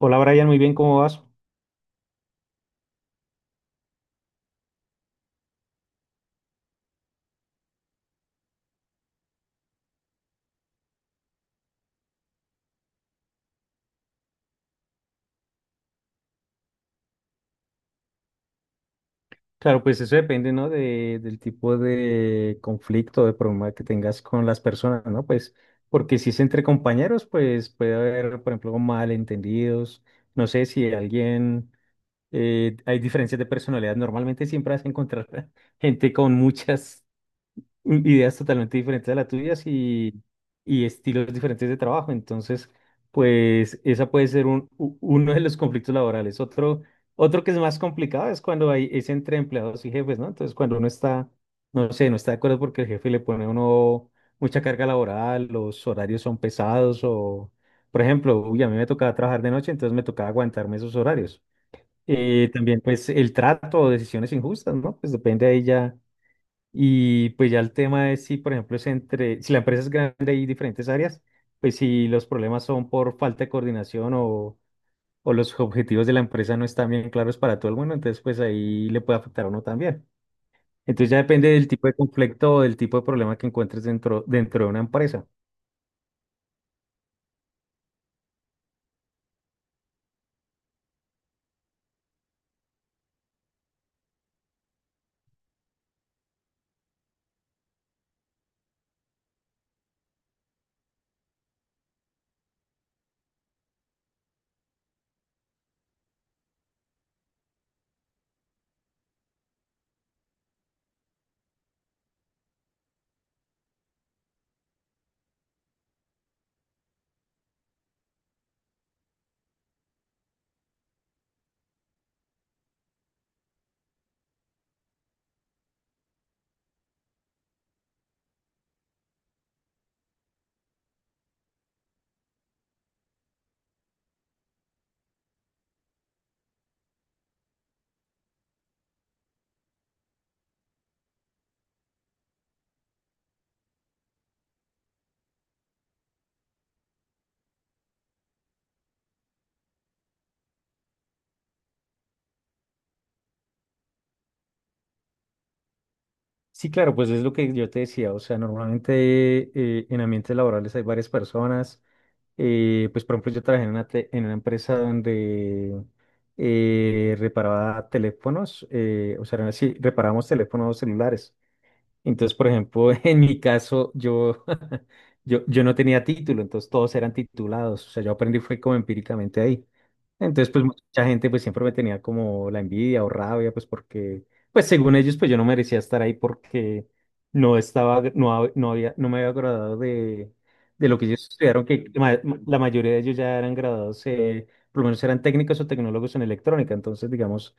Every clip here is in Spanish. Hola Brian, muy bien, ¿cómo vas? Claro, pues eso depende, ¿no? Del tipo de conflicto, de problema que tengas con las personas, ¿no? Pues porque si es entre compañeros, pues puede haber, por ejemplo, malentendidos, no sé si alguien, hay diferencias de personalidad, normalmente siempre vas a encontrar gente con muchas, ideas totalmente diferentes a las tuyas y estilos diferentes de trabajo. Entonces, pues esa puede ser uno de los conflictos laborales. Otro que es más complicado es cuando hay, es entre empleados y jefes, ¿no? Entonces, cuando uno está, no sé, no está de acuerdo porque el jefe le pone a uno mucha carga laboral, los horarios son pesados o, por ejemplo, uy, a mí me tocaba trabajar de noche, entonces me tocaba aguantarme esos horarios. También, pues, el trato o decisiones injustas, ¿no? Pues depende ahí ya y pues ya el tema es si, por ejemplo, es entre, si la empresa es grande y diferentes áreas, pues si los problemas son por falta de coordinación o los objetivos de la empresa no están bien claros para todo el mundo, entonces pues ahí le puede afectar a uno también. Entonces ya depende del tipo de conflicto o del tipo de problema que encuentres dentro de una empresa. Sí, claro, pues es lo que yo te decía, o sea, normalmente en ambientes laborales hay varias personas pues por ejemplo yo trabajé en una empresa donde reparaba teléfonos, o sea, sí, reparábamos teléfonos celulares. Entonces, por ejemplo, en mi caso, yo, yo no tenía título, entonces todos eran titulados. O sea, yo aprendí fue como empíricamente ahí. Entonces, pues mucha gente pues siempre me tenía como la envidia o rabia, pues porque, pues según ellos, pues yo no merecía estar ahí porque no estaba, no, no había, no me había graduado de lo que ellos estudiaron, que la mayoría de ellos ya eran graduados, por lo menos eran técnicos o tecnólogos en electrónica. Entonces, digamos,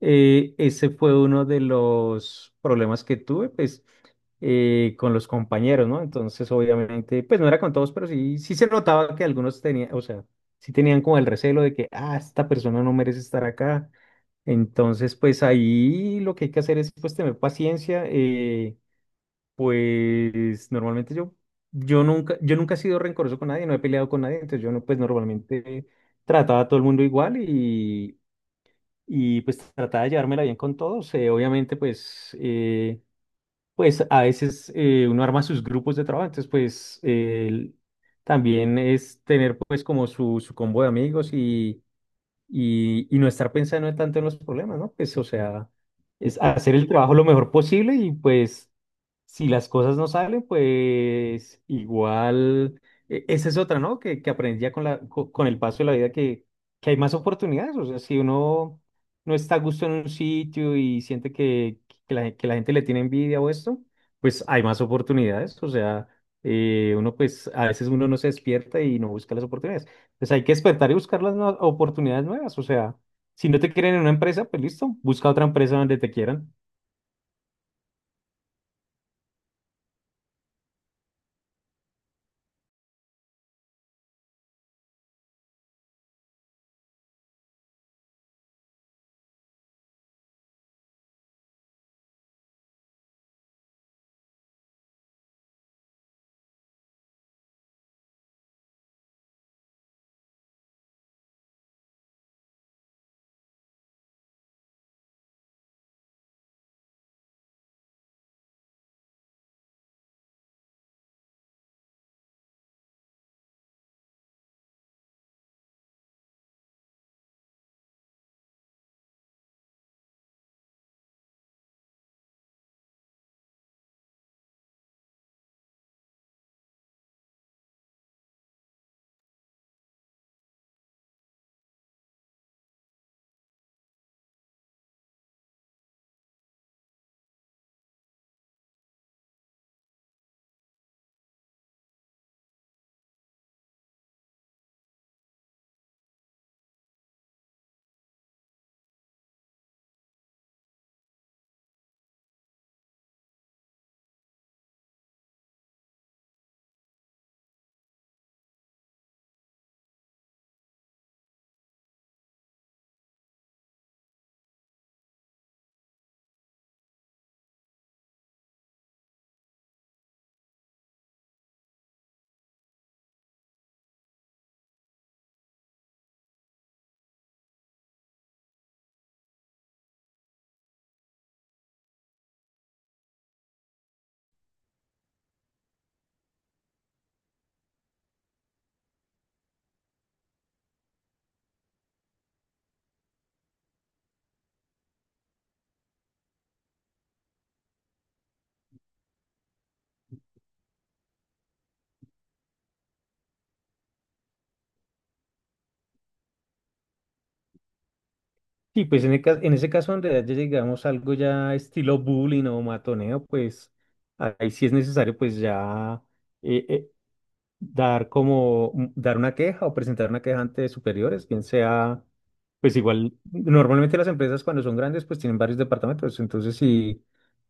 ese fue uno de los problemas que tuve, pues, con los compañeros, ¿no? Entonces, obviamente, pues no era con todos, pero sí, sí se notaba que algunos tenían, o sea, sí tenían como el recelo de que, ah, esta persona no merece estar acá. Entonces, pues ahí lo que hay que hacer es, pues, tener paciencia. Pues, normalmente yo, yo nunca he sido rencoroso con nadie, no he peleado con nadie, entonces yo no, pues, normalmente trataba a todo el mundo igual y pues trataba de llevármela bien con todos. Obviamente, pues, pues a veces uno arma sus grupos de trabajo, entonces pues también es tener pues como su combo de amigos y, y no estar pensando tanto en los problemas, ¿no? Pues o sea, es hacer el trabajo lo mejor posible y pues si las cosas no salen, pues igual, esa es otra, ¿no? Que aprendí ya con con el paso de la vida que hay más oportunidades. O sea, si uno no está a gusto en un sitio y siente que, que la gente le tiene envidia o esto, pues hay más oportunidades. O sea, uno pues a veces uno no se despierta y no busca las oportunidades. Pues hay que despertar y buscar las oportunidades nuevas. O sea, si no te quieren en una empresa, pues listo, busca otra empresa donde te quieran. Sí, pues en ese caso, en realidad, ya llegamos a algo ya estilo bullying o matoneo, pues ahí sí es necesario, pues ya eh, eh, dar como dar una queja o presentar una queja ante superiores, bien sea, pues igual, normalmente las empresas cuando son grandes pues tienen varios departamentos, entonces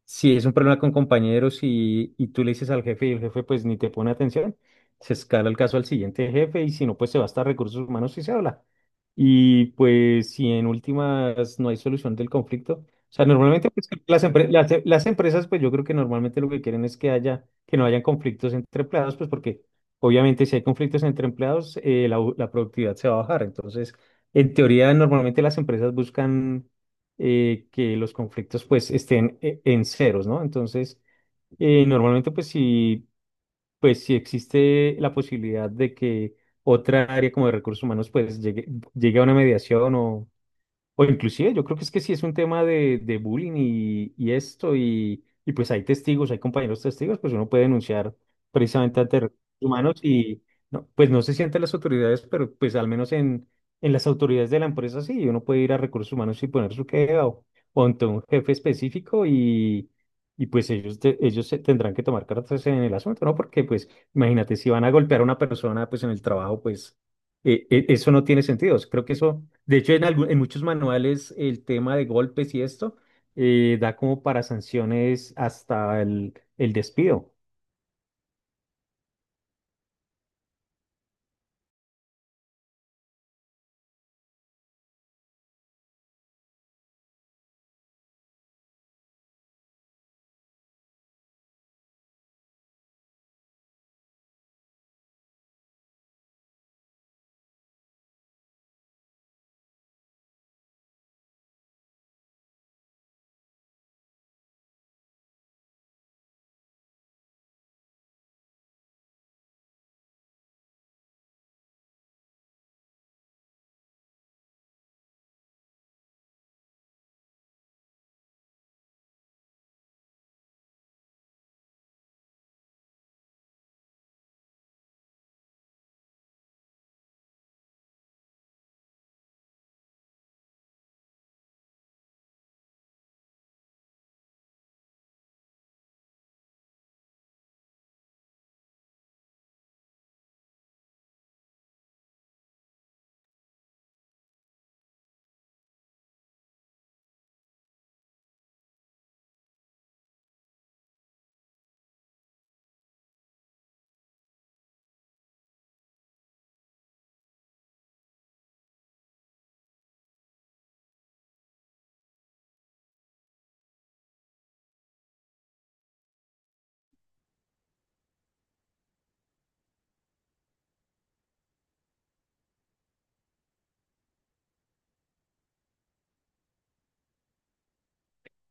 si es un problema con compañeros y tú le dices al jefe y el jefe pues ni te pone atención, se escala el caso al siguiente jefe y si no pues se va hasta recursos humanos y se habla. Y pues si en últimas no hay solución del conflicto, o sea, normalmente pues, las empresas pues yo creo que normalmente lo que quieren es que haya, que no hayan conflictos entre empleados pues porque obviamente, si hay conflictos entre empleados, la productividad se va a bajar. Entonces, en teoría, normalmente las empresas buscan que los conflictos pues estén en ceros, ¿no? Entonces, normalmente pues si existe la posibilidad de que otra área como de recursos humanos pues llegue, llegue a una mediación o inclusive yo creo que es que sí es un tema de bullying y esto, y pues hay testigos, hay compañeros testigos, pues uno puede denunciar precisamente ante recursos humanos y no, pues no se sienten las autoridades, pero pues al menos en las autoridades de la empresa sí, uno puede ir a recursos humanos y poner su queja o ante un jefe específico y pues ellos se tendrán que tomar cartas en el asunto, ¿no? Porque pues imagínate, si van a golpear a una persona pues en el trabajo, pues eso no tiene sentido. Creo que eso, de hecho, en muchos manuales el tema de golpes y esto da como para sanciones hasta el despido.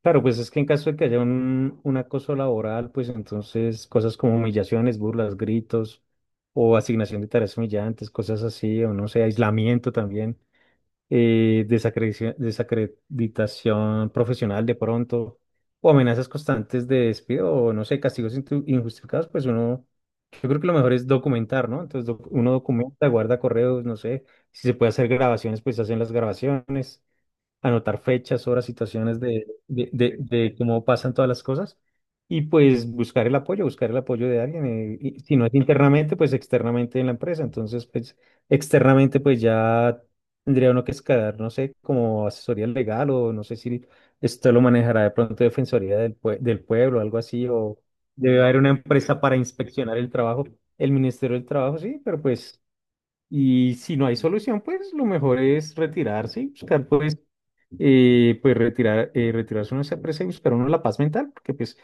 Claro, pues es que en caso de que haya un acoso laboral, pues entonces cosas como humillaciones, burlas, gritos o asignación de tareas humillantes, cosas así, o no sé, aislamiento también. Desacreditación profesional de pronto, o amenazas constantes de despido, o no sé, castigos injustificados, pues uno, yo creo que lo mejor es documentar, ¿no? Entonces uno documenta, guarda correos, no sé, si se puede hacer grabaciones, pues hacen las grabaciones anotar fechas, horas, situaciones de, de cómo pasan todas las cosas y pues buscar el apoyo de alguien. Y si no es internamente, pues externamente en la empresa. Entonces, pues externamente, pues ya tendría uno que escalar, no sé, como asesoría legal o no sé si esto lo manejará de pronto Defensoría del Pueblo, algo así, o debe haber una empresa para inspeccionar el trabajo, el Ministerio del Trabajo, sí, pero pues... Y si no hay solución, pues lo mejor es retirarse y buscar pues retirarse uno de esa presa y buscar uno la paz mental, porque pues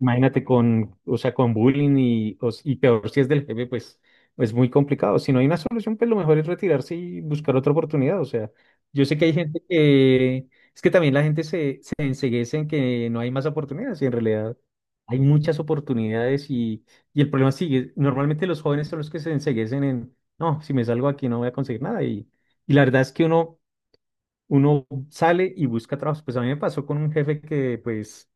imagínate con, con bullying y, y peor si es del jefe, pues es muy complicado. Si no hay una solución, pues lo mejor es retirarse y buscar otra oportunidad. O sea, yo sé que hay gente que, es que también la gente se, se enceguece en que no hay más oportunidades y en realidad hay muchas oportunidades y el problema sigue. Normalmente los jóvenes son los que se enceguecen en, no, si me salgo aquí no voy a conseguir nada y... Y la verdad es que uno sale y busca trabajo. Pues a mí me pasó con un jefe que, pues,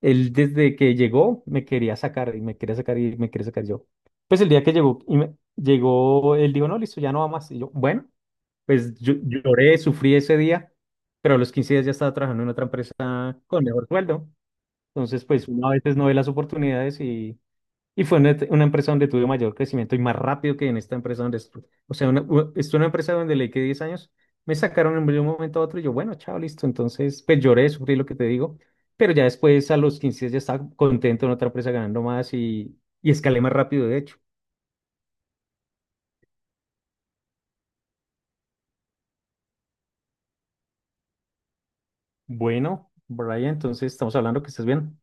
él desde que llegó me quería sacar y me quería sacar y me quería sacar yo. Pues el día que llegó, llegó, él dijo, no, listo, ya no va más. Y yo, bueno, pues yo lloré, sufrí ese día, pero a los 15 días ya estaba trabajando en otra empresa con mejor sueldo. Entonces, pues uno a veces no ve las oportunidades y fue una empresa donde tuve mayor crecimiento y más rápido que en esta empresa donde estuve. O sea, estuve en una empresa donde le quedé 10 años, me sacaron de un momento a otro y yo, bueno, chao, listo. Entonces, pues lloré, sufrí lo que te digo, pero ya después a los 15 días ya estaba contento en otra empresa ganando más y escalé más rápido, de hecho. Bueno, Brian, entonces estamos hablando que estás bien.